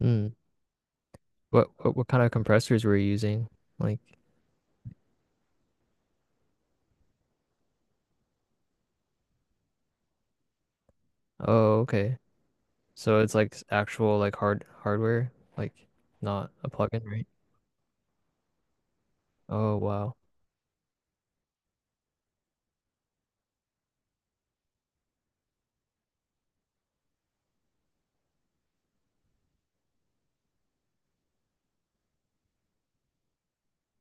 Mm. What kind of compressors were you using? Like, oh, okay. So it's like actual like hardware, like not a plugin, right? Oh, wow.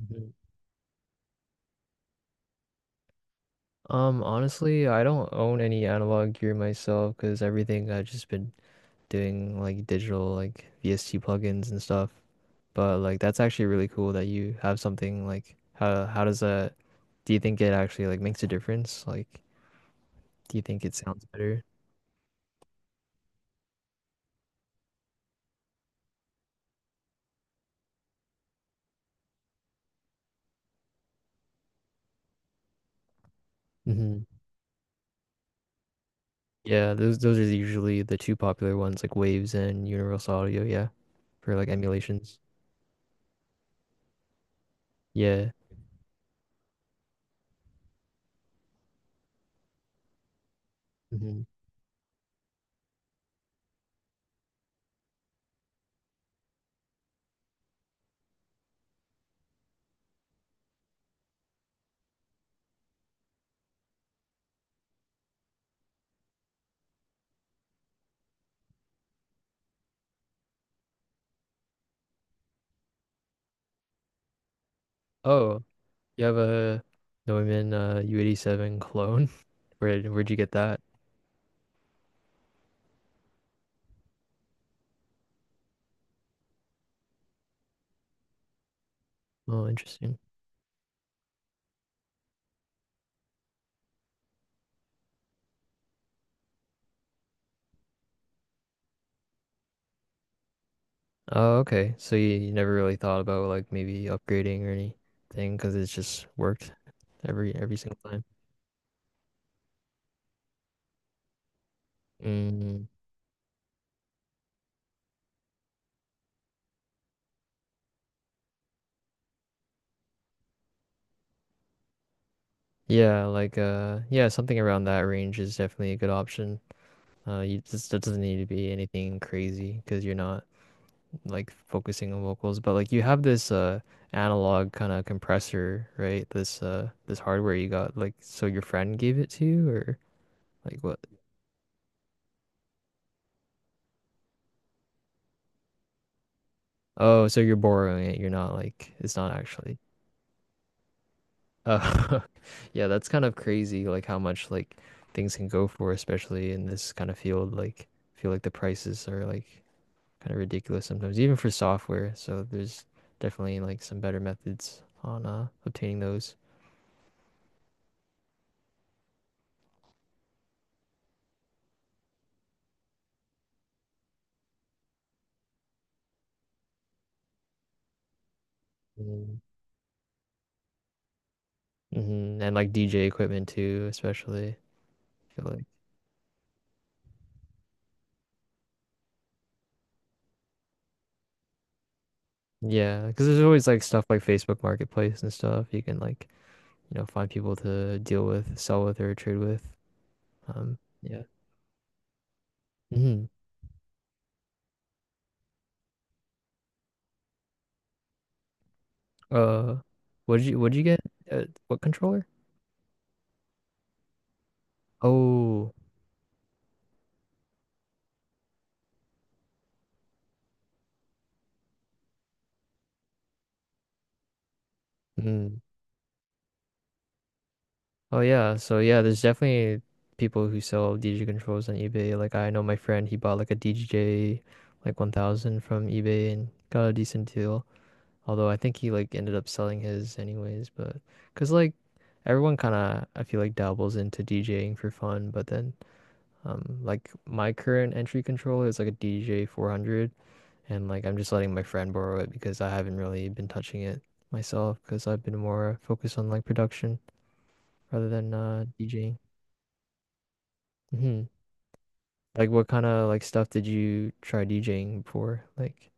Mhm. Honestly, I don't own any analog gear myself because everything I've just been doing like digital like VST plugins and stuff. But like that's actually really cool that you have something like how does that do you think it actually like makes a difference? Like, do you think it sounds better? Yeah, those are usually the two popular ones, like Waves and Universal Audio, yeah, for like emulations. Yeah. Hmm. Oh, you have a Neumann U87 clone? Where'd you get that? Oh, interesting. Oh, okay. So you never really thought about like maybe upgrading or anything because it's just worked every single time. Mm, yeah, like yeah, something around that range is definitely a good option. You just that doesn't need to be anything crazy because you're not, like focusing on vocals, but like you have this analog kind of compressor, right? This this hardware you got like so your friend gave it to you or like what? Oh, so you're borrowing it. You're not like it's not actually. Uh, yeah, that's kind of crazy like how much like things can go for, especially in this kind of field. Like I feel like the prices are like kind of ridiculous sometimes, even for software. So there's definitely like some better methods on obtaining those. Mm. Hmm. And like DJ equipment too, especially. I feel like, yeah, because there's always like stuff like Facebook Marketplace and stuff you can like, you know, find people to deal with, sell with, or trade with. Yeah. Hmm. Uh, what did you get? What controller? Oh, mm. Oh yeah. So yeah, there's definitely people who sell DJ controls on eBay. Like I know my friend, he bought like a DJJ like 1000 from eBay and got a decent deal. Although I think he like ended up selling his anyways, but because like everyone kind of, I feel like, dabbles into DJing for fun, but then like my current entry controller is like a DJ 400 and like I'm just letting my friend borrow it because I haven't really been touching it myself because I've been more focused on like production rather than DJing. Hmm. Like what kind of like stuff did you try DJing before? Like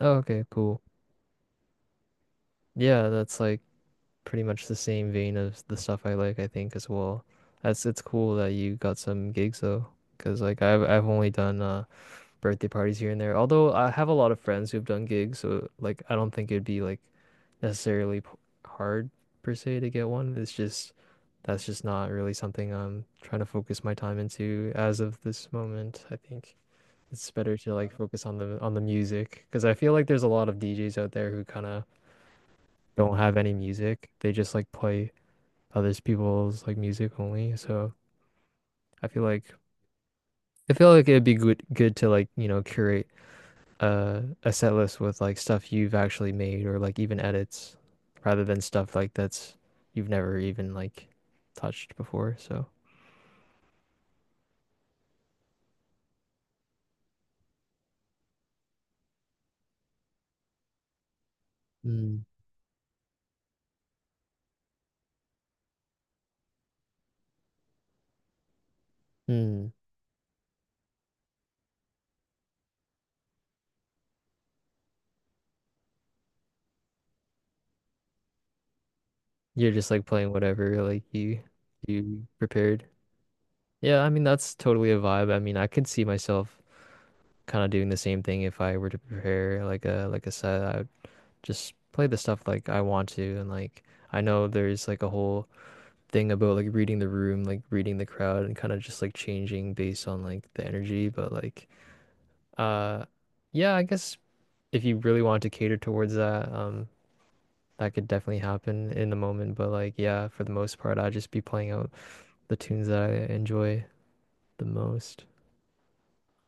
oh okay, cool. Yeah, that's like pretty much the same vein of the stuff I like, I think as well. That's, it's cool that you got some gigs though, because like I've only done birthday parties here and there. Although I have a lot of friends who've done gigs, so like I don't think it'd be like necessarily p hard per se to get one. It's just that's just not really something I'm trying to focus my time into as of this moment, I think. It's better to like focus on the music because I feel like there's a lot of DJs out there who kind of don't have any music. They just like play other people's like music only. So I feel like I feel like it'd be good to, like, you know, curate a set list with like stuff you've actually made or like even edits, rather than stuff like that's you've never even like touched before. So mm. Mm. You're just like playing whatever like you prepared. Yeah, I mean that's totally a vibe. I mean, I could see myself kind of doing the same thing if I were to prepare like a set. Just play the stuff like I want to and like I know there's like a whole thing about like reading the room, like reading the crowd and kind of just like changing based on like the energy, but like uh yeah, I guess if you really want to cater towards that, that could definitely happen in the moment, but like yeah, for the most part I'd just be playing out the tunes that I enjoy the most.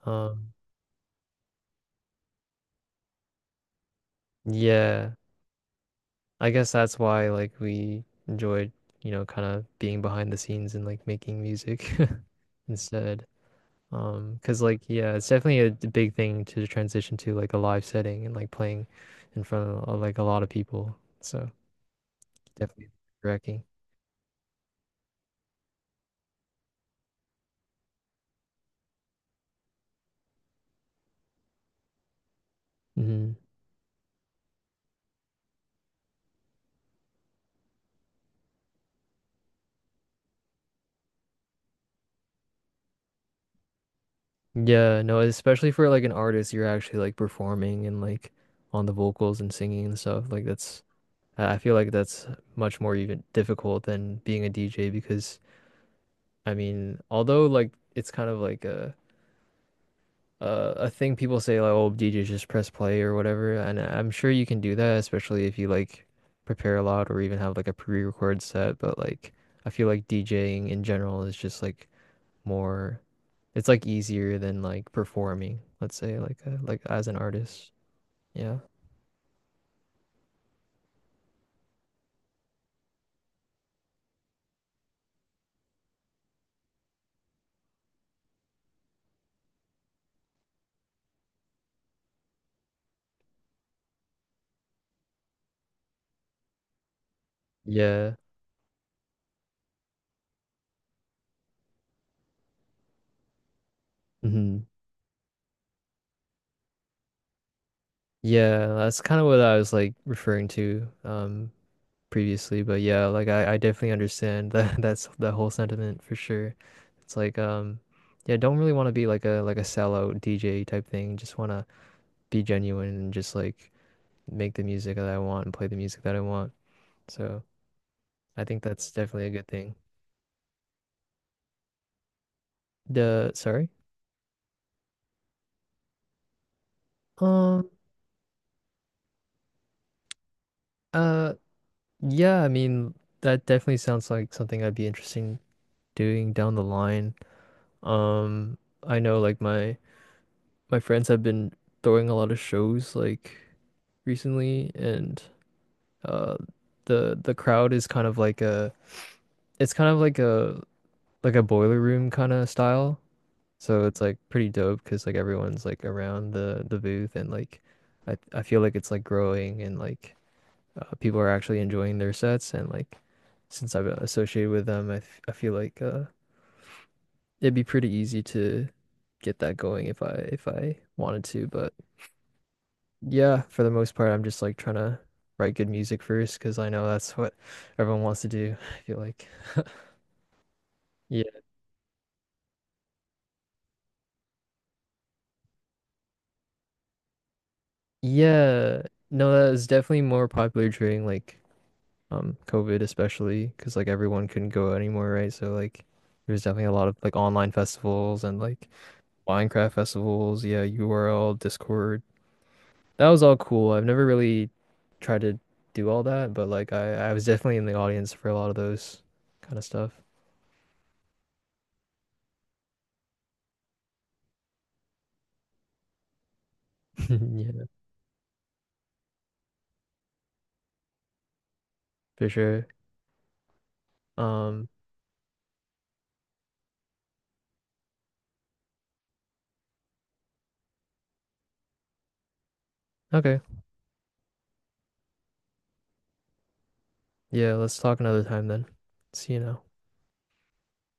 Um yeah. I guess that's why like we enjoyed, you know, kind of being behind the scenes and like making music instead. 'Cause like yeah, it's definitely a big thing to transition to like a live setting and like playing in front of like a lot of people. So definitely wrecking. Hmm. Yeah, no, especially for like an artist, you're actually like performing and like on the vocals and singing and stuff. Like that's I feel like that's much more even difficult than being a DJ because I mean, although like it's kind of like a, a thing people say like, oh, DJ just press play or whatever, and I'm sure you can do that, especially if you like prepare a lot or even have like a pre-record set. But like, I feel like DJing in general is just like more, it's like easier than like performing, let's say, like like as an artist. Yeah. Yeah. Hmm. Yeah, that's kind of what I was like referring to. Previously, but yeah, like I definitely understand that that's that whole sentiment for sure. It's like yeah, don't really want to be like a sellout DJ type thing. Just want to be genuine and just like make the music that I want and play the music that I want. So, I think that's definitely a good thing. The sorry. Um uh yeah, I mean that definitely sounds like something I'd be interesting doing down the line. Um I know like my friends have been throwing a lot of shows like recently and uh the crowd is kind of like a it's kind of like a boiler room kind of style. So it's like pretty dope because like everyone's like around the booth and like I feel like it's like growing and like people are actually enjoying their sets and like since I've associated with them I feel like it'd be pretty easy to get that going if I wanted to, but yeah, for the most part, I'm just like trying to write good music first because I know that's what everyone wants to do. I feel like. Yeah. Yeah. No, that was definitely more popular during like COVID especially because like everyone couldn't go anymore, right? So like there was definitely a lot of like online festivals and like Minecraft festivals, yeah, URL, Discord. That was all cool. I've never really tried to do all that, but like I was definitely in the audience for a lot of those kind of stuff. Yeah, for sure. Um, okay. Yeah, let's talk another time then. See you now.